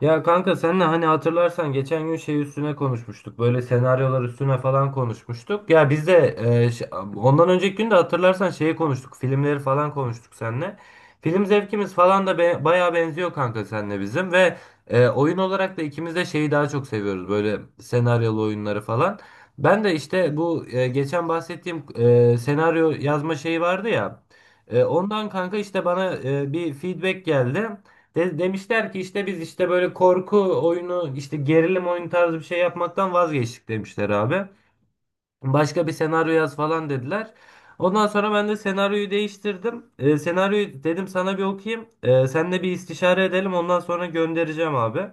Ya kanka senle hani hatırlarsan geçen gün şey üstüne konuşmuştuk. Böyle senaryolar üstüne falan konuşmuştuk. Ya biz de e, ş- ondan önceki gün de hatırlarsan şeyi konuştuk. Filmleri falan konuştuk seninle. Film zevkimiz falan da be, bayağı benziyor kanka seninle bizim ve oyun olarak da ikimiz de şeyi daha çok seviyoruz. Böyle senaryolu oyunları falan. Ben de işte bu geçen bahsettiğim senaryo yazma şeyi vardı ya. Ondan kanka işte bana bir feedback geldi. Demişler ki işte biz işte böyle korku oyunu işte gerilim oyunu tarzı bir şey yapmaktan vazgeçtik demişler abi. Başka bir senaryo yaz falan dediler. Ondan sonra ben de senaryoyu değiştirdim. Senaryoyu dedim sana bir okuyayım. Seninle bir istişare edelim ondan sonra göndereceğim abi.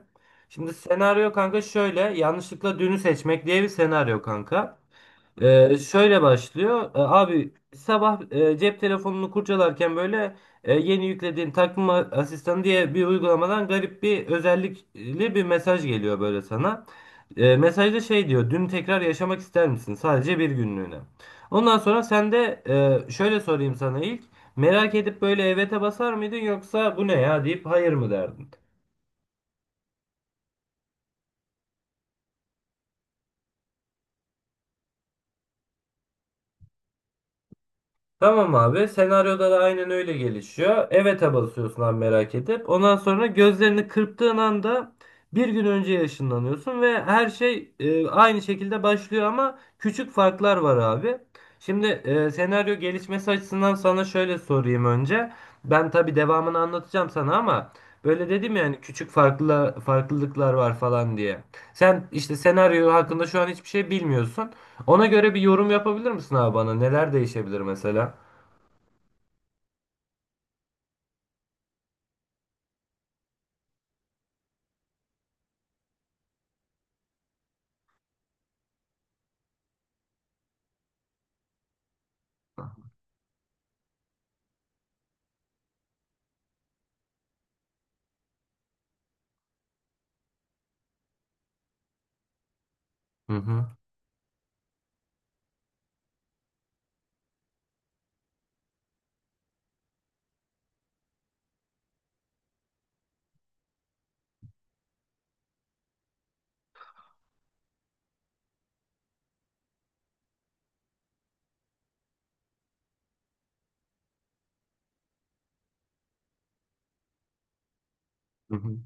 Şimdi senaryo kanka şöyle yanlışlıkla dünü seçmek diye bir senaryo kanka. Şöyle başlıyor. Abi sabah cep telefonunu kurcalarken böyle yeni yüklediğin takvim asistanı diye bir uygulamadan garip bir özellikli bir mesaj geliyor böyle sana. Mesajda şey diyor. Dün tekrar yaşamak ister misin? Sadece bir günlüğüne. Ondan sonra sen de şöyle sorayım sana ilk. Merak edip böyle evet'e basar mıydın yoksa bu ne ya deyip hayır mı derdin? Tamam abi. Senaryoda da aynen öyle gelişiyor. Evet'e basıyorsun abi merak edip. Ondan sonra gözlerini kırptığın anda bir gün önce ışınlanıyorsun ve her şey aynı şekilde başlıyor ama küçük farklar var abi. Şimdi senaryo gelişmesi açısından sana şöyle sorayım önce. Ben tabii devamını anlatacağım sana ama böyle dedim yani küçük farklılıklar var falan diye. Sen işte senaryo hakkında şu an hiçbir şey bilmiyorsun. Ona göre bir yorum yapabilir misin abi bana? Neler değişebilir mesela? Hı hı. Hı hı.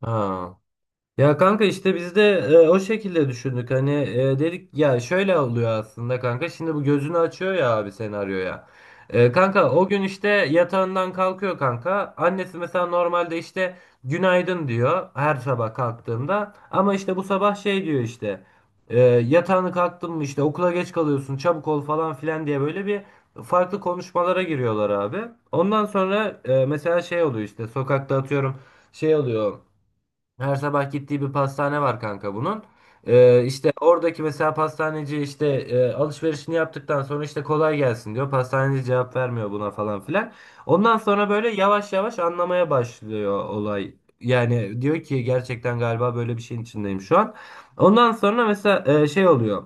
Ha. Ya kanka işte biz de o şekilde düşündük. Hani dedik ya şöyle oluyor aslında kanka. Şimdi bu gözünü açıyor ya abi senaryoya. Kanka o gün işte yatağından kalkıyor kanka. Annesi mesela normalde işte günaydın diyor her sabah kalktığında. Ama işte bu sabah şey diyor işte. Yatağını kalktın mı işte okula geç kalıyorsun çabuk ol falan filan diye böyle bir farklı konuşmalara giriyorlar abi. Ondan sonra mesela şey oluyor işte sokakta atıyorum şey oluyor. Her sabah gittiği bir pastane var kanka bunun. İşte oradaki mesela pastaneci işte alışverişini yaptıktan sonra işte kolay gelsin diyor. Pastaneci cevap vermiyor buna falan filan. Ondan sonra böyle yavaş yavaş anlamaya başlıyor olay. Yani diyor ki gerçekten galiba böyle bir şeyin içindeyim şu an. Ondan sonra mesela şey oluyor.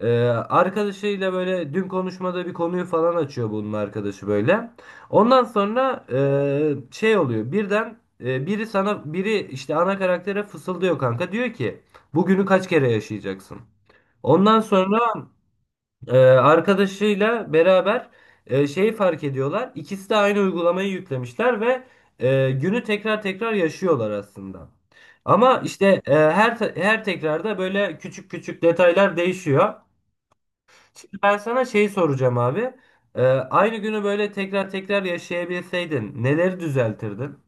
Arkadaşıyla böyle dün konuşmada bir konuyu falan açıyor bunun arkadaşı böyle. Ondan sonra şey oluyor. Birden biri sana biri işte ana karaktere fısıldıyor kanka. Diyor ki bugünü kaç kere yaşayacaksın? Ondan sonra arkadaşıyla beraber şeyi fark ediyorlar. İkisi de aynı uygulamayı yüklemişler ve günü tekrar tekrar yaşıyorlar aslında. Ama işte her tekrarda böyle küçük küçük detaylar değişiyor. Şimdi ben sana şey soracağım abi. Aynı günü böyle tekrar tekrar yaşayabilseydin neleri düzeltirdin?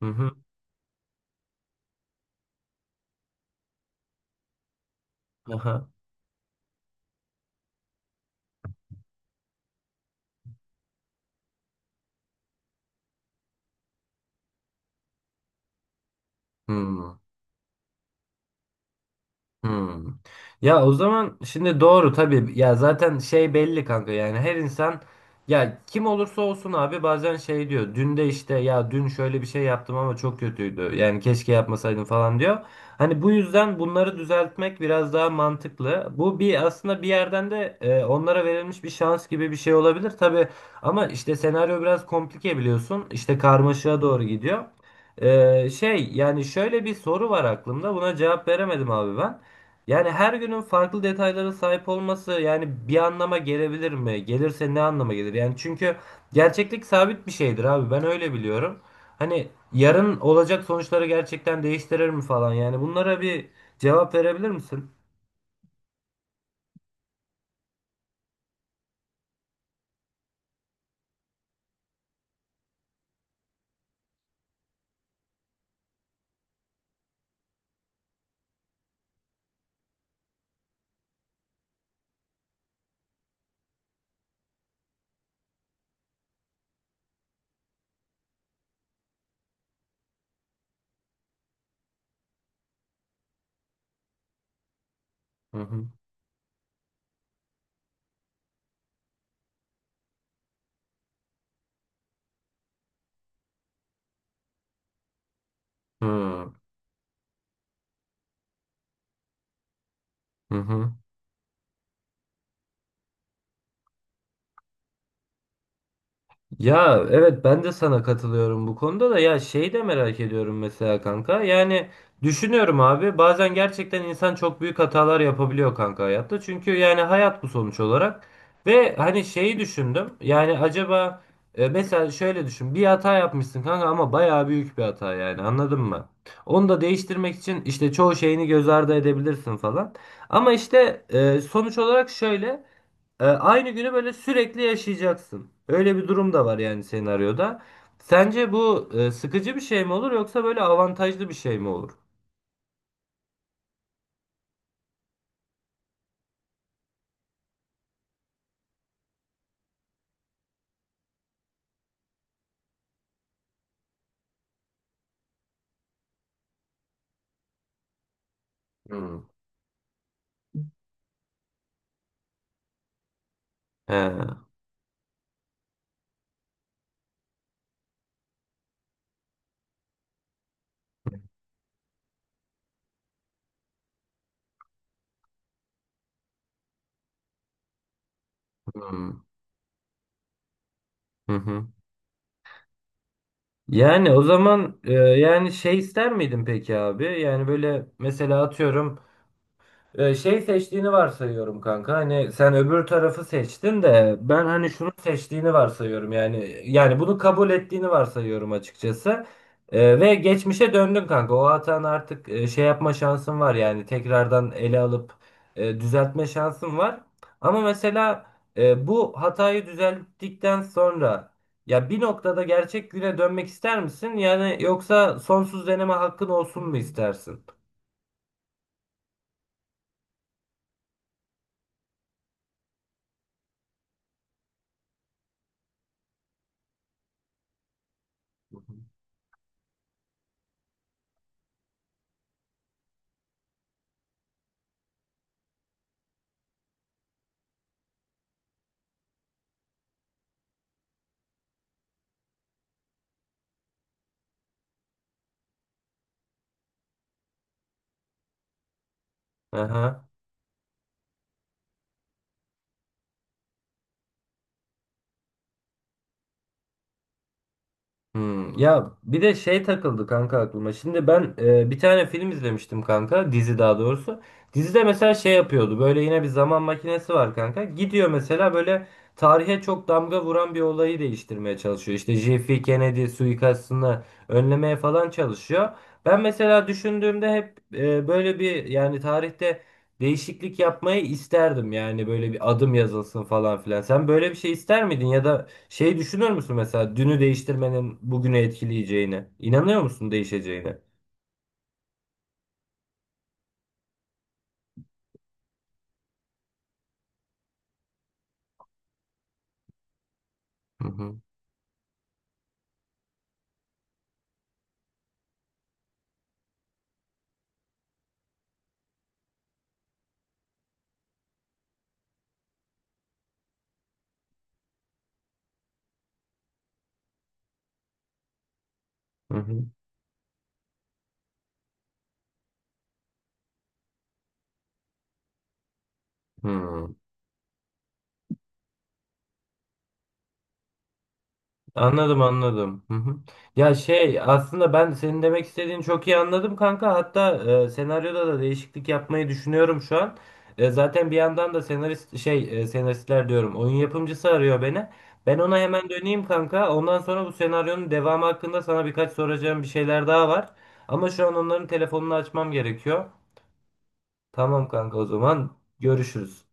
Hı hı. Aha. Hı. Hmm. Ya o zaman şimdi doğru tabii ya zaten şey belli kanka yani her insan ya kim olursa olsun abi bazen şey diyor dün de işte ya dün şöyle bir şey yaptım ama çok kötüydü yani keşke yapmasaydım falan diyor. Hani bu yüzden bunları düzeltmek biraz daha mantıklı. Bu aslında bir yerden de onlara verilmiş bir şans gibi bir şey olabilir tabii ama işte senaryo biraz komplike biliyorsun işte karmaşığa doğru gidiyor. Şey yani şöyle bir soru var aklımda buna cevap veremedim abi ben. Yani her günün farklı detaylara sahip olması yani bir anlama gelebilir mi? Gelirse ne anlama gelir? Yani çünkü gerçeklik sabit bir şeydir abi. Ben öyle biliyorum. Hani yarın olacak sonuçları gerçekten değiştirir mi falan? Yani bunlara bir cevap verebilir misin? Hı hı. Hı hı. Ya evet ben de sana katılıyorum bu konuda da ya şey de merak ediyorum mesela kanka. Yani düşünüyorum abi bazen gerçekten insan çok büyük hatalar yapabiliyor kanka hayatta. Çünkü yani hayat bu sonuç olarak. Ve hani şeyi düşündüm. Yani acaba mesela şöyle düşün. Bir hata yapmışsın kanka ama bayağı büyük bir hata yani anladın mı? Onu da değiştirmek için işte çoğu şeyini göz ardı edebilirsin falan. Ama işte sonuç olarak şöyle. Aynı günü böyle sürekli yaşayacaksın. Öyle bir durum da var yani senaryoda. Sence bu sıkıcı bir şey mi olur yoksa böyle avantajlı bir şey mi olur? Hmm. He. Hmm. Hı hı. Yani o zaman yani şey ister miydin peki abi? Yani böyle mesela atıyorum şey seçtiğini varsayıyorum kanka. Hani sen öbür tarafı seçtin de ben hani şunu seçtiğini varsayıyorum. Yani bunu kabul ettiğini varsayıyorum açıkçası. Ve geçmişe döndün kanka. O hatan artık şey yapma şansın var yani tekrardan ele alıp düzeltme şansın var. Ama mesela bu hatayı düzelttikten sonra ya bir noktada gerçek güne dönmek ister misin? Yani yoksa sonsuz deneme hakkın olsun mu istersin? Aha. Hmm, ya bir de şey takıldı kanka aklıma. Şimdi ben bir tane film izlemiştim kanka. Dizi daha doğrusu. Dizide mesela şey yapıyordu. Böyle yine bir zaman makinesi var kanka. Gidiyor mesela böyle tarihe çok damga vuran bir olayı değiştirmeye çalışıyor. İşte JFK Kennedy suikastını önlemeye falan çalışıyor. Ben mesela düşündüğümde hep böyle bir yani tarihte değişiklik yapmayı isterdim. Yani böyle bir adım yazılsın falan filan. Sen böyle bir şey ister miydin ya da şey düşünür müsün mesela dünü değiştirmenin bugünü etkileyeceğini İnanıyor musun değişeceğine? Hı hı. Hı hı. Hı. Anladım anladım. Hı hı. Ya şey aslında ben senin demek istediğini çok iyi anladım kanka. Hatta senaryoda da değişiklik yapmayı düşünüyorum şu an. Zaten bir yandan da senarist şey senaristler diyorum oyun yapımcısı arıyor beni. Ben ona hemen döneyim kanka. Ondan sonra bu senaryonun devamı hakkında sana birkaç soracağım bir şeyler daha var. Ama şu an onların telefonunu açmam gerekiyor. Tamam kanka o zaman görüşürüz.